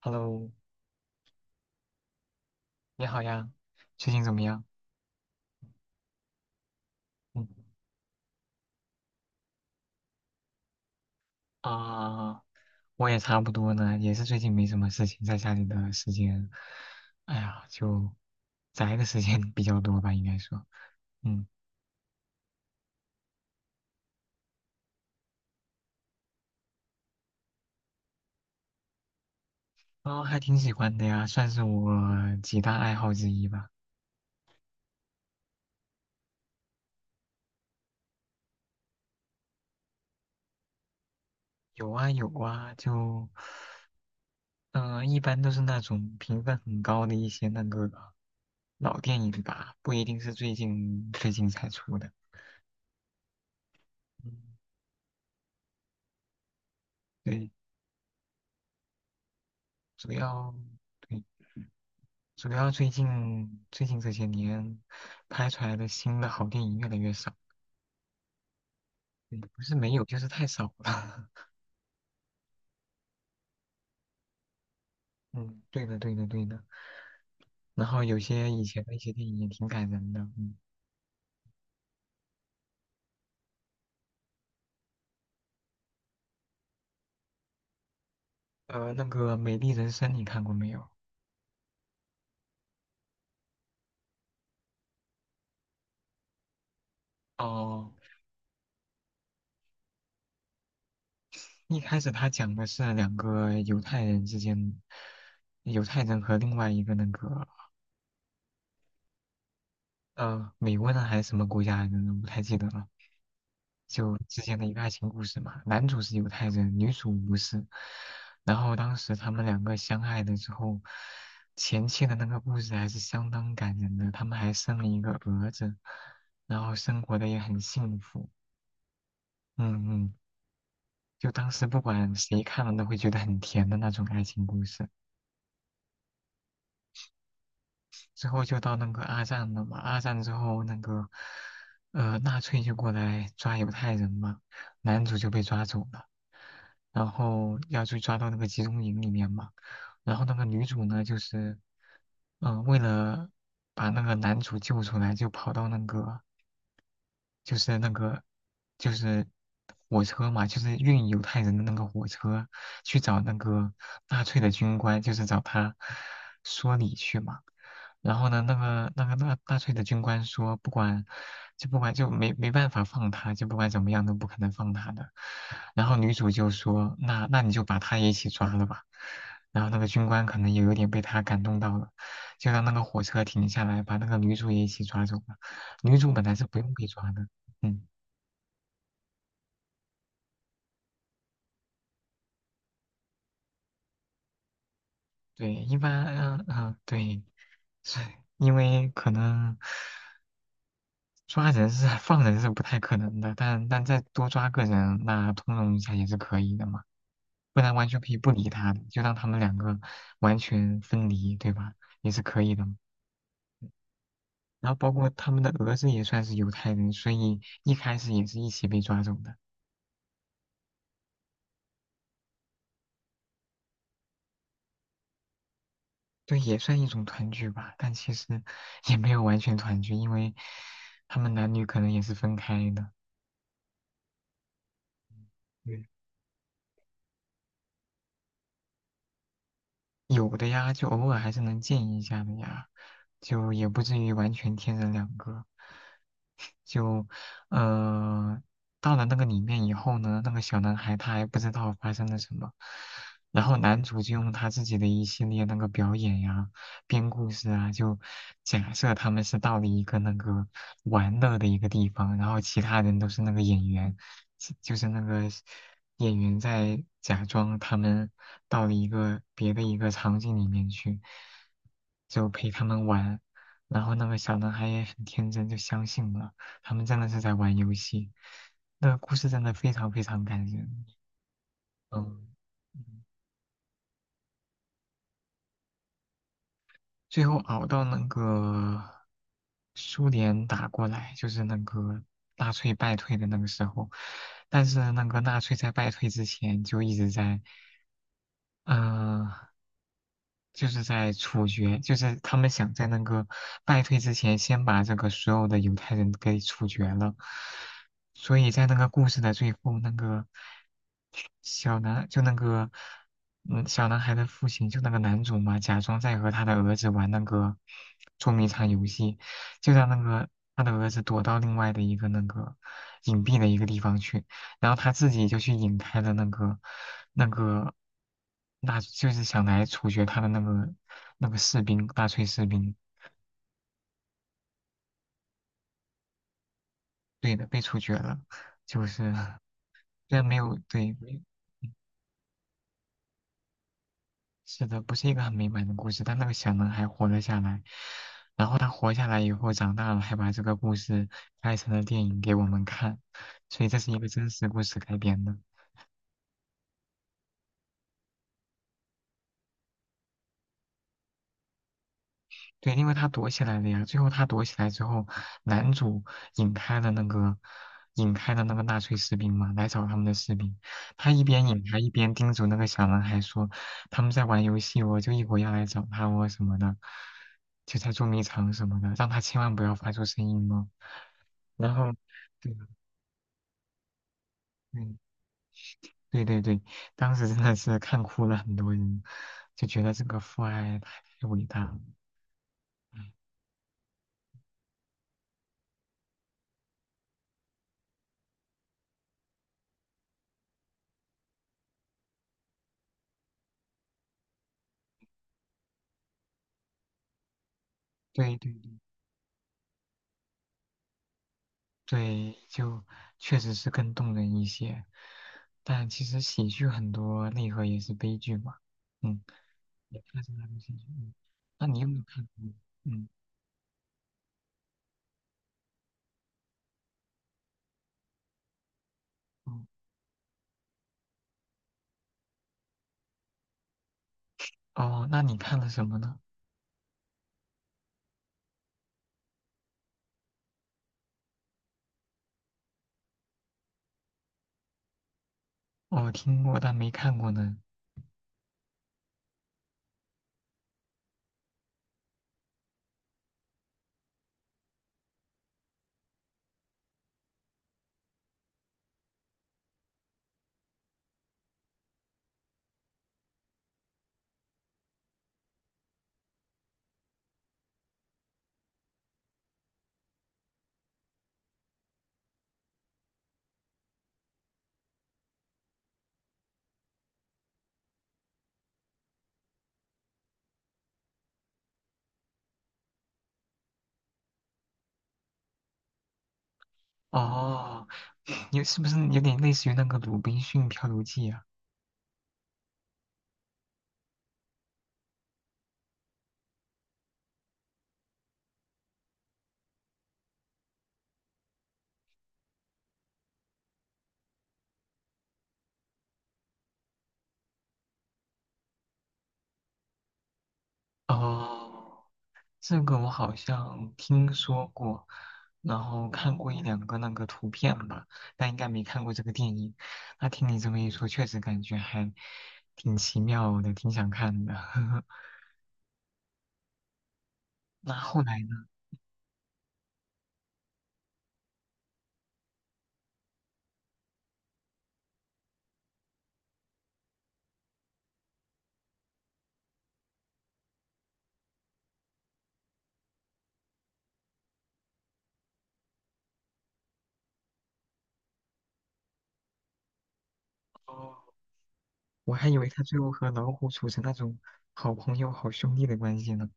Hello，你好呀，最近怎么样？嗯，啊，我也差不多呢，也是最近没什么事情，在家里的时间，哎呀，就宅的时间比较多吧，应该说，嗯，啊，还挺喜欢的呀，算是我几大爱好之一吧。有啊有啊，就一般都是那种评分很高的一些那个老电影吧，不一定是最近才出的。嗯，对，主要。对。主要最近这些年拍出来的新的好电影越来越少，嗯，不是没有，就是太少了。嗯，对的，对的，对的。然后有些以前的一些电影也挺感人的，嗯，那个《美丽人生》你看过没有？哦，一开始他讲的是两个犹太人之间，犹太人和另外一个那个美国人还是什么国家来着呢？不太记得了。就之前的一个爱情故事嘛，男主是犹太人，女主不是。然后当时他们两个相爱了之后，前期的那个故事还是相当感人的，他们还生了一个儿子，然后生活的也很幸福。嗯嗯，就当时不管谁看了都会觉得很甜的那种爱情故事。之后就到那个二战了嘛，二战之后那个纳粹就过来抓犹太人嘛，男主就被抓走了，然后要去抓到那个集中营里面嘛，然后那个女主呢就是为了把那个男主救出来，就跑到那个就是那个就是火车嘛，就是运犹太人的那个火车去找那个纳粹的军官，就是找他说理去嘛。然后呢，那个纳粹的军官说，不管就没办法放他，就不管怎么样都不可能放他的。然后女主就说，那你就把他也一起抓了吧。然后那个军官可能也有点被他感动到了，就让那个火车停下来，把那个女主也一起抓走了。女主本来是不用被抓的，嗯，对，一般，对，是因为可能抓人是放人是不太可能的，但再多抓个人，那通融一下也是可以的嘛，不然完全可以不理他的，就让他们两个完全分离，对吧？也是可以的嘛。然后包括他们的儿子也算是犹太人，所以一开始也是一起被抓走的，对，也算一种团聚吧，但其实也没有完全团聚，因为他们男女可能也是分开的。对，有的呀，就偶尔还是能见一下的呀，就也不至于完全天人两个。就，呃，到了那个里面以后呢，那个小男孩他还不知道发生了什么，然后男主就用他自己的一系列那个表演呀、编故事啊，就假设他们是到了一个那个玩乐的一个地方，然后其他人都是那个演员，就是那个演员在假装他们到了一个别的一个场景里面去，就陪他们玩。然后那个小男孩也很天真，就相信了，他们真的是在玩游戏。那个故事真的非常感人，嗯，嗯，最后熬到那个苏联打过来，就是那个纳粹败退的那个时候，但是那个纳粹在败退之前就一直在，嗯、就是在处决，就是他们想在那个败退之前，先把这个所有的犹太人给处决了。所以在那个故事的最后，那个小男就那个小男孩的父亲，就那个男主嘛，假装在和他的儿子玩那个捉迷藏游戏，就让那个他的儿子躲到另外的一个那个隐蔽的一个地方去。然后他自己就去引开了那个那就是想来处决他的那个那个士兵，纳粹士兵，对的，被处决了。就是虽然没有对，没，是的，不是一个很美满的故事，但那个小男孩活了下来。然后他活下来以后，长大了，还把这个故事拍成了电影给我们看，所以这是一个真实故事改编的。对，因为他躲起来了呀。最后他躲起来之后，男主引开了那个纳粹士兵嘛，来找他们的士兵。他一边引他一边叮嘱那个小男孩说："他们在玩游戏哦，我就一会儿要来找他，我什么的，就在捉迷藏什么的，让他千万不要发出声音哦。"然后，对，嗯，对对对，当时真的是看哭了很多人，就觉得这个父爱太伟大了。对对对。对，就确实是更动人一些。但其实喜剧很多内核也是悲剧嘛，嗯，也看是那种喜剧。嗯，那你有没有看过？嗯，哦，哦，那你看了什么呢？哦，听过但没看过呢。哦，有，是不是有点类似于那个《鲁滨逊漂流记》啊？哦，这个我好像听说过，然后看过一两个那个图片吧，但应该没看过这个电影。那听你这么一说，确实感觉还挺奇妙的，挺想看的。那后来呢？哦，我还以为他最后和老虎处成那种好朋友、好兄弟的关系呢。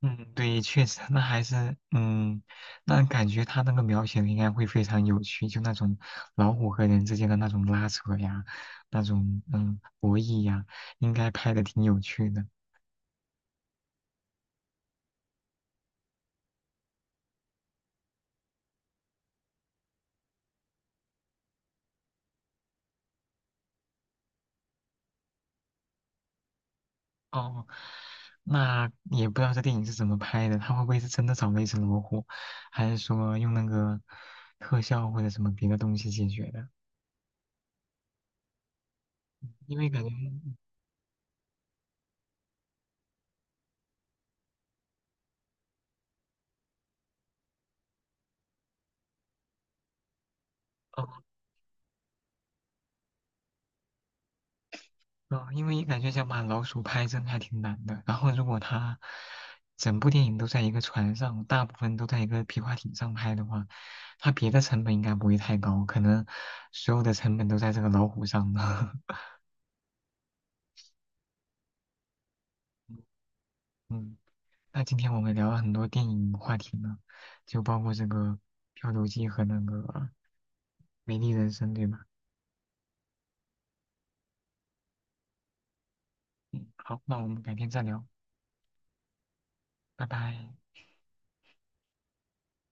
嗯，对，确实，那还是，嗯，那感觉他那个描写的应该会非常有趣，就那种老虎和人之间的那种拉扯呀，那种嗯，博弈呀，应该拍的挺有趣的。哦，那也不知道这电影是怎么拍的，他会不会是真的找了一只老虎，还是说用那个特效或者什么别的东西解决的？因为感觉，哦，啊，因为感觉想把老鼠拍真还挺难的。然后如果他整部电影都在一个船上，大部分都在一个皮划艇上拍的话，他别的成本应该不会太高，可能所有的成本都在这个老虎上了。嗯，那今天我们聊了很多电影话题呢，就包括这个《漂流记》和那个《美丽人生》，对吧？嗯，好，那我们改天再聊，拜拜。